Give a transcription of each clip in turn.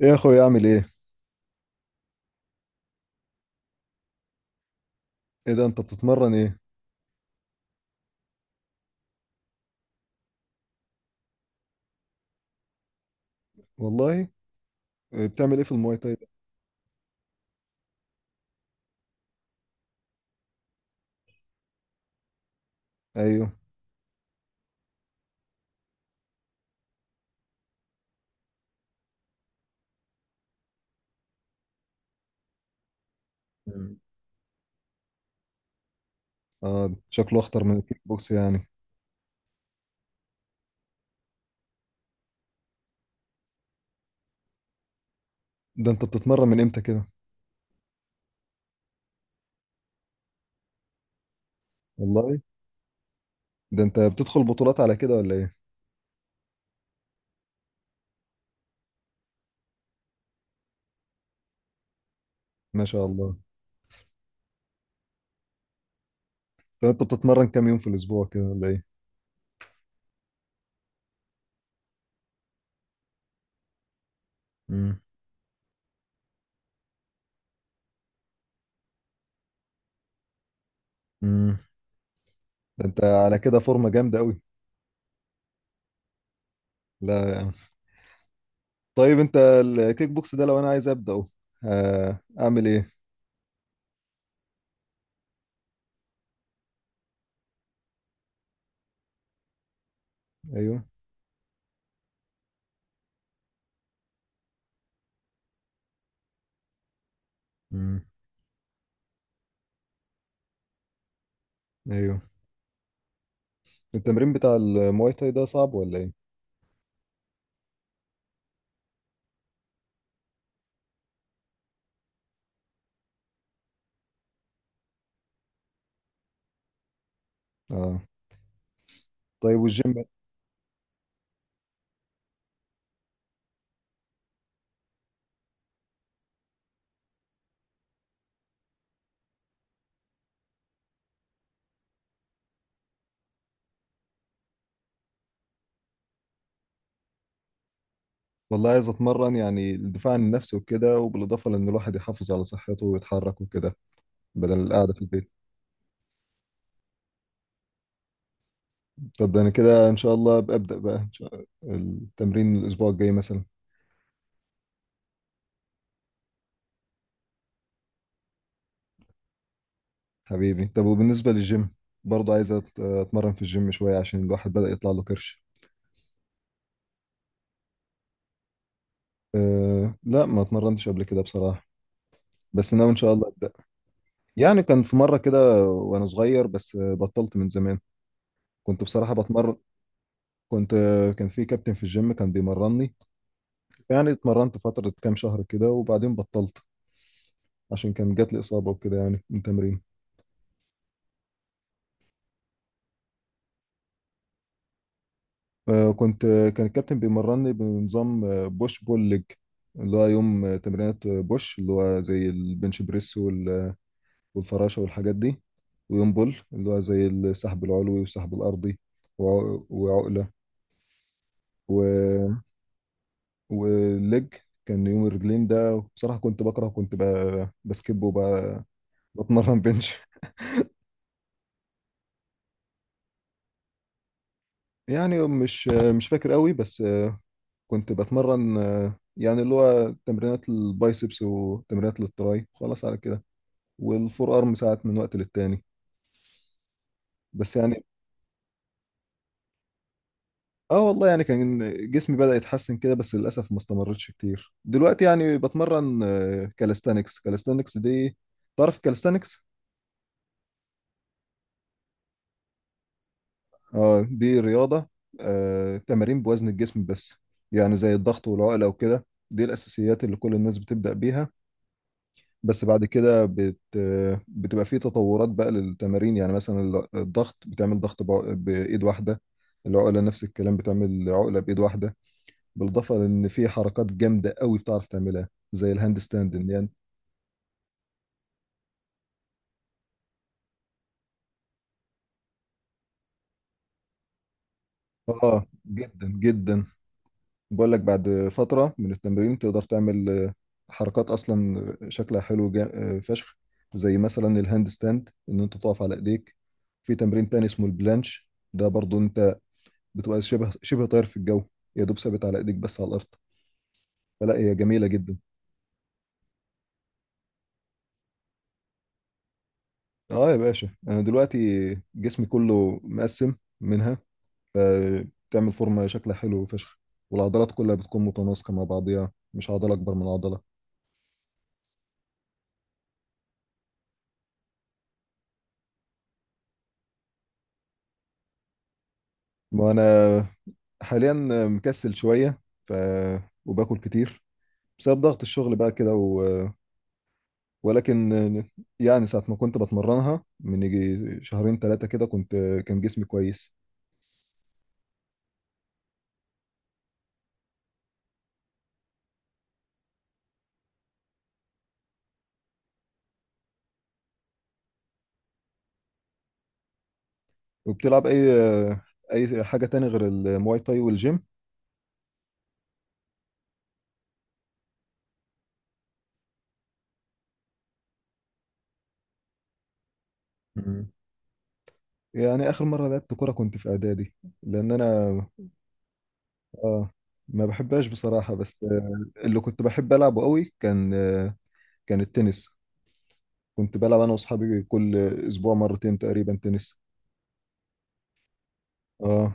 ايه يا اخويا، اعمل ايه؟ ايه ده، انت بتتمرن ايه؟ والله. إيه بتعمل ايه في المواي تاي ده؟ ايوه. مم. اه، شكله اخطر من الكيك بوكس يعني. ده انت بتتمرن من امتى كده؟ والله. ده انت بتدخل بطولات على كده ولا ايه؟ ما شاء الله. طب انت بتتمرن كام يوم في الاسبوع كده ولا ايه؟ امم. امم. ده انت على كده فورمه جامده قوي. لا يعني. طيب انت الكيك بوكس ده لو انا عايز ابداه، اعمل ايه؟ ايوه. امم. ايوه. التمرين بتاع المواي تاي ده صعب ولا ايه؟ اه. طيب، والجيم؟ والله عايز اتمرن، يعني الدفاع عن النفس وكده، وبالاضافه لان الواحد يحافظ على صحته ويتحرك وكده، بدل القعده في البيت. طب ده انا كده ان شاء الله ببدا بقى، إن شاء التمرين الاسبوع الجاي مثلا. حبيبي. طب وبالنسبه للجيم، برضه عايز اتمرن في الجيم شويه عشان الواحد بدا يطلع له كرش. أه لا، ما اتمرنتش قبل كده بصراحه، بس ناوي ان شاء الله ابدا. يعني كان في مره كده وانا صغير بس بطلت من زمان. كنت بصراحه بتمرن. كنت كان في كابتن في الجيم كان بيمرني، يعني اتمرنت فترة كام شهر كده وبعدين بطلت، عشان كان جات لي إصابة وكده يعني من تمرين. آه، كنت آه، كان الكابتن بيمرني بنظام بوش بول ليج، اللي هو يوم تمرينات بوش اللي هو زي البنش بريس والفراشة والحاجات دي، ويوم بول اللي هو زي السحب العلوي والسحب الأرضي وعقلة و... والليج. كان يوم الرجلين ده بصراحة كنت بكره، بسكب وبتمرن بنش. يعني مش فاكر قوي، بس كنت بتمرن يعني اللي هو تمرينات البايسبس وتمرينات للتراي، خلاص على كده، والفور ارم ساعات من وقت للتاني، بس يعني. اه والله يعني كان جسمي بدأ يتحسن كده، بس للأسف ما استمرتش كتير. دلوقتي يعني بتمرن كالستانكس، كالستانكس دي. تعرف كالستانكس؟ اه، دي رياضة، تمارين بوزن الجسم بس، يعني زي الضغط والعقلة وكده. دي الأساسيات اللي كل الناس بتبدأ بيها، بس بعد كده بتبقى في تطورات بقى للتمارين، يعني مثلا الضغط بتعمل ضغط بإيد واحدة. العقلة نفس الكلام، بتعمل عقلة بإيد واحدة، بالإضافة لأن في حركات جامدة قوي بتعرف تعملها زي الهاند ستاند إن يعني. جدا جدا. بقول لك بعد فترة من التمرين تقدر تعمل حركات أصلا شكلها حلو جا... آه، فشخ، زي مثلا الهاند ستاند إن أنت تقف على إيديك. في تمرين تاني اسمه البلانش، ده برضو بتبقى شبه شبه طاير في الجو، يا دوب ثابت على ايديك بس على الارض، فلا هي جميله جدا. اه يا باشا، انا دلوقتي جسمي كله مقسم منها، فبتعمل فورمه شكلها حلو فشخ، والعضلات كلها بتكون متناسقه مع بعضيها، مش عضله اكبر من عضله. وانا حاليا مكسل شويه، ف، وباكل كتير بسبب ضغط الشغل بقى كده ولكن يعني ساعة ما كنت بتمرنها من يجي شهرين ثلاثة كده، كان جسمي كويس. وبتلعب اي، حاجه تاني غير المواي تاي والجيم؟ مم. يعني اخر مره لعبت كوره كنت في اعدادي، لان انا، اه، ما بحبهاش بصراحه، بس اللي كنت بحب العبه قوي كان التنس. كنت بلعب انا واصحابي كل اسبوع مرتين تقريبا تنس. اه،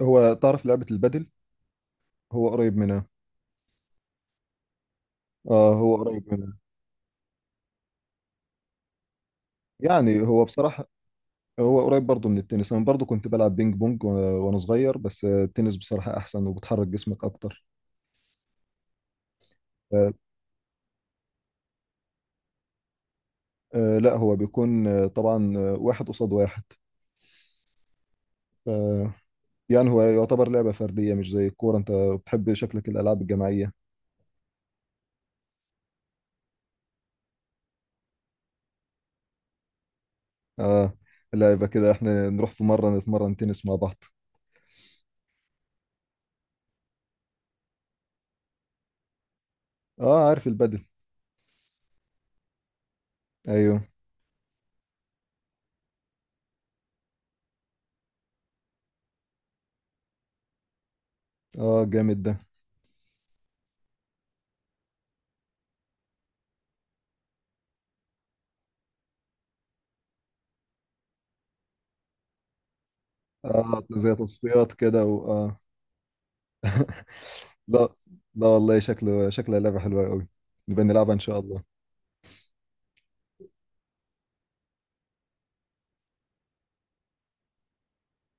هو تعرف لعبه البادل؟ هو قريب منها. اه، هو قريب منها، يعني هو بصراحه هو قريب برضه من التنس. انا برضه كنت بلعب بينج بونج وأنا صغير، بس التنس بصراحه احسن وبتحرك جسمك اكتر. لا هو بيكون طبعا واحد قصاد واحد، ف يعني هو يعتبر لعبة فردية، مش زي الكورة. انت بتحب شكلك الألعاب الجماعية؟ اه. لا، يبقى كده احنا نروح في مرة نتمرن تنس مع بعض. اه، عارف البدل. ايوه. اه، جامد ده. اه، زي تصفيات كده اه. لا، لا والله شكلها لعبة حلوة قوي، نبقى نلعبها ان شاء الله.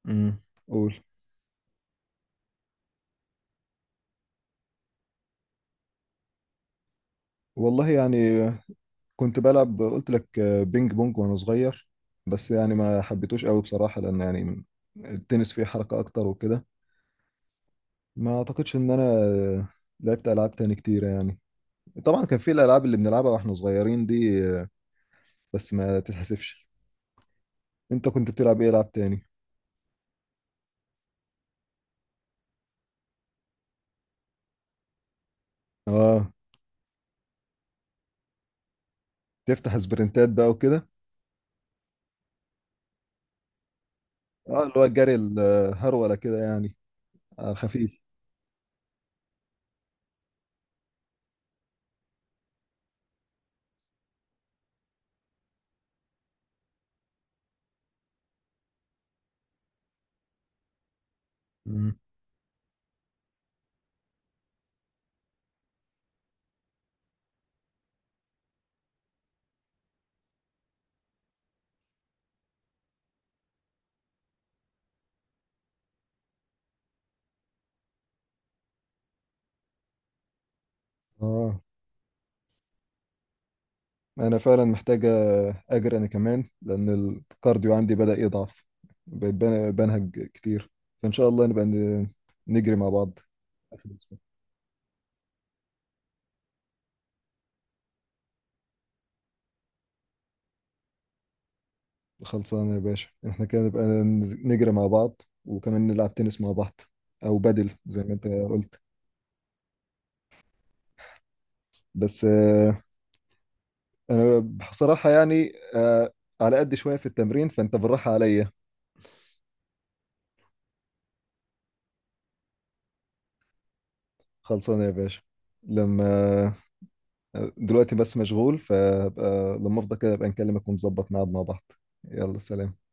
امم. قول. والله يعني كنت بلعب، قلت لك، بينج بونج وانا صغير، بس يعني ما حبيتوش قوي بصراحة، لان يعني التنس فيه حركة اكتر وكده. ما اعتقدش ان انا لعبت العاب تاني كتيرة يعني. طبعا كان في الالعاب اللي بنلعبها واحنا صغيرين دي، بس ما تتحسبش. انت كنت بتلعب ايه العاب تاني؟ اه، تفتح سبرنتات بقى وكده. اه، اللي هو الجري الهرولة كده يعني، على الخفيف. مم. اه، انا فعلا محتاجه اجري انا كمان، لان الكارديو عندي بدأ يضعف، بقيت بنهج كتير، فان شاء الله نبقى نجري مع بعض آخر الأسبوع. خلصانه يا باشا، احنا كده نبقى نجري مع بعض، وكمان نلعب تنس مع بعض، او بدل زي ما انت قلت. بس انا بصراحه يعني على قد شويه في التمرين، فانت بالراحه عليا. خلصانه يا باشا. لما دلوقتي بس مشغول، فلما افضى كده ابقى نكلمك ونظبط ميعاد مع بعض. يلا، سلام.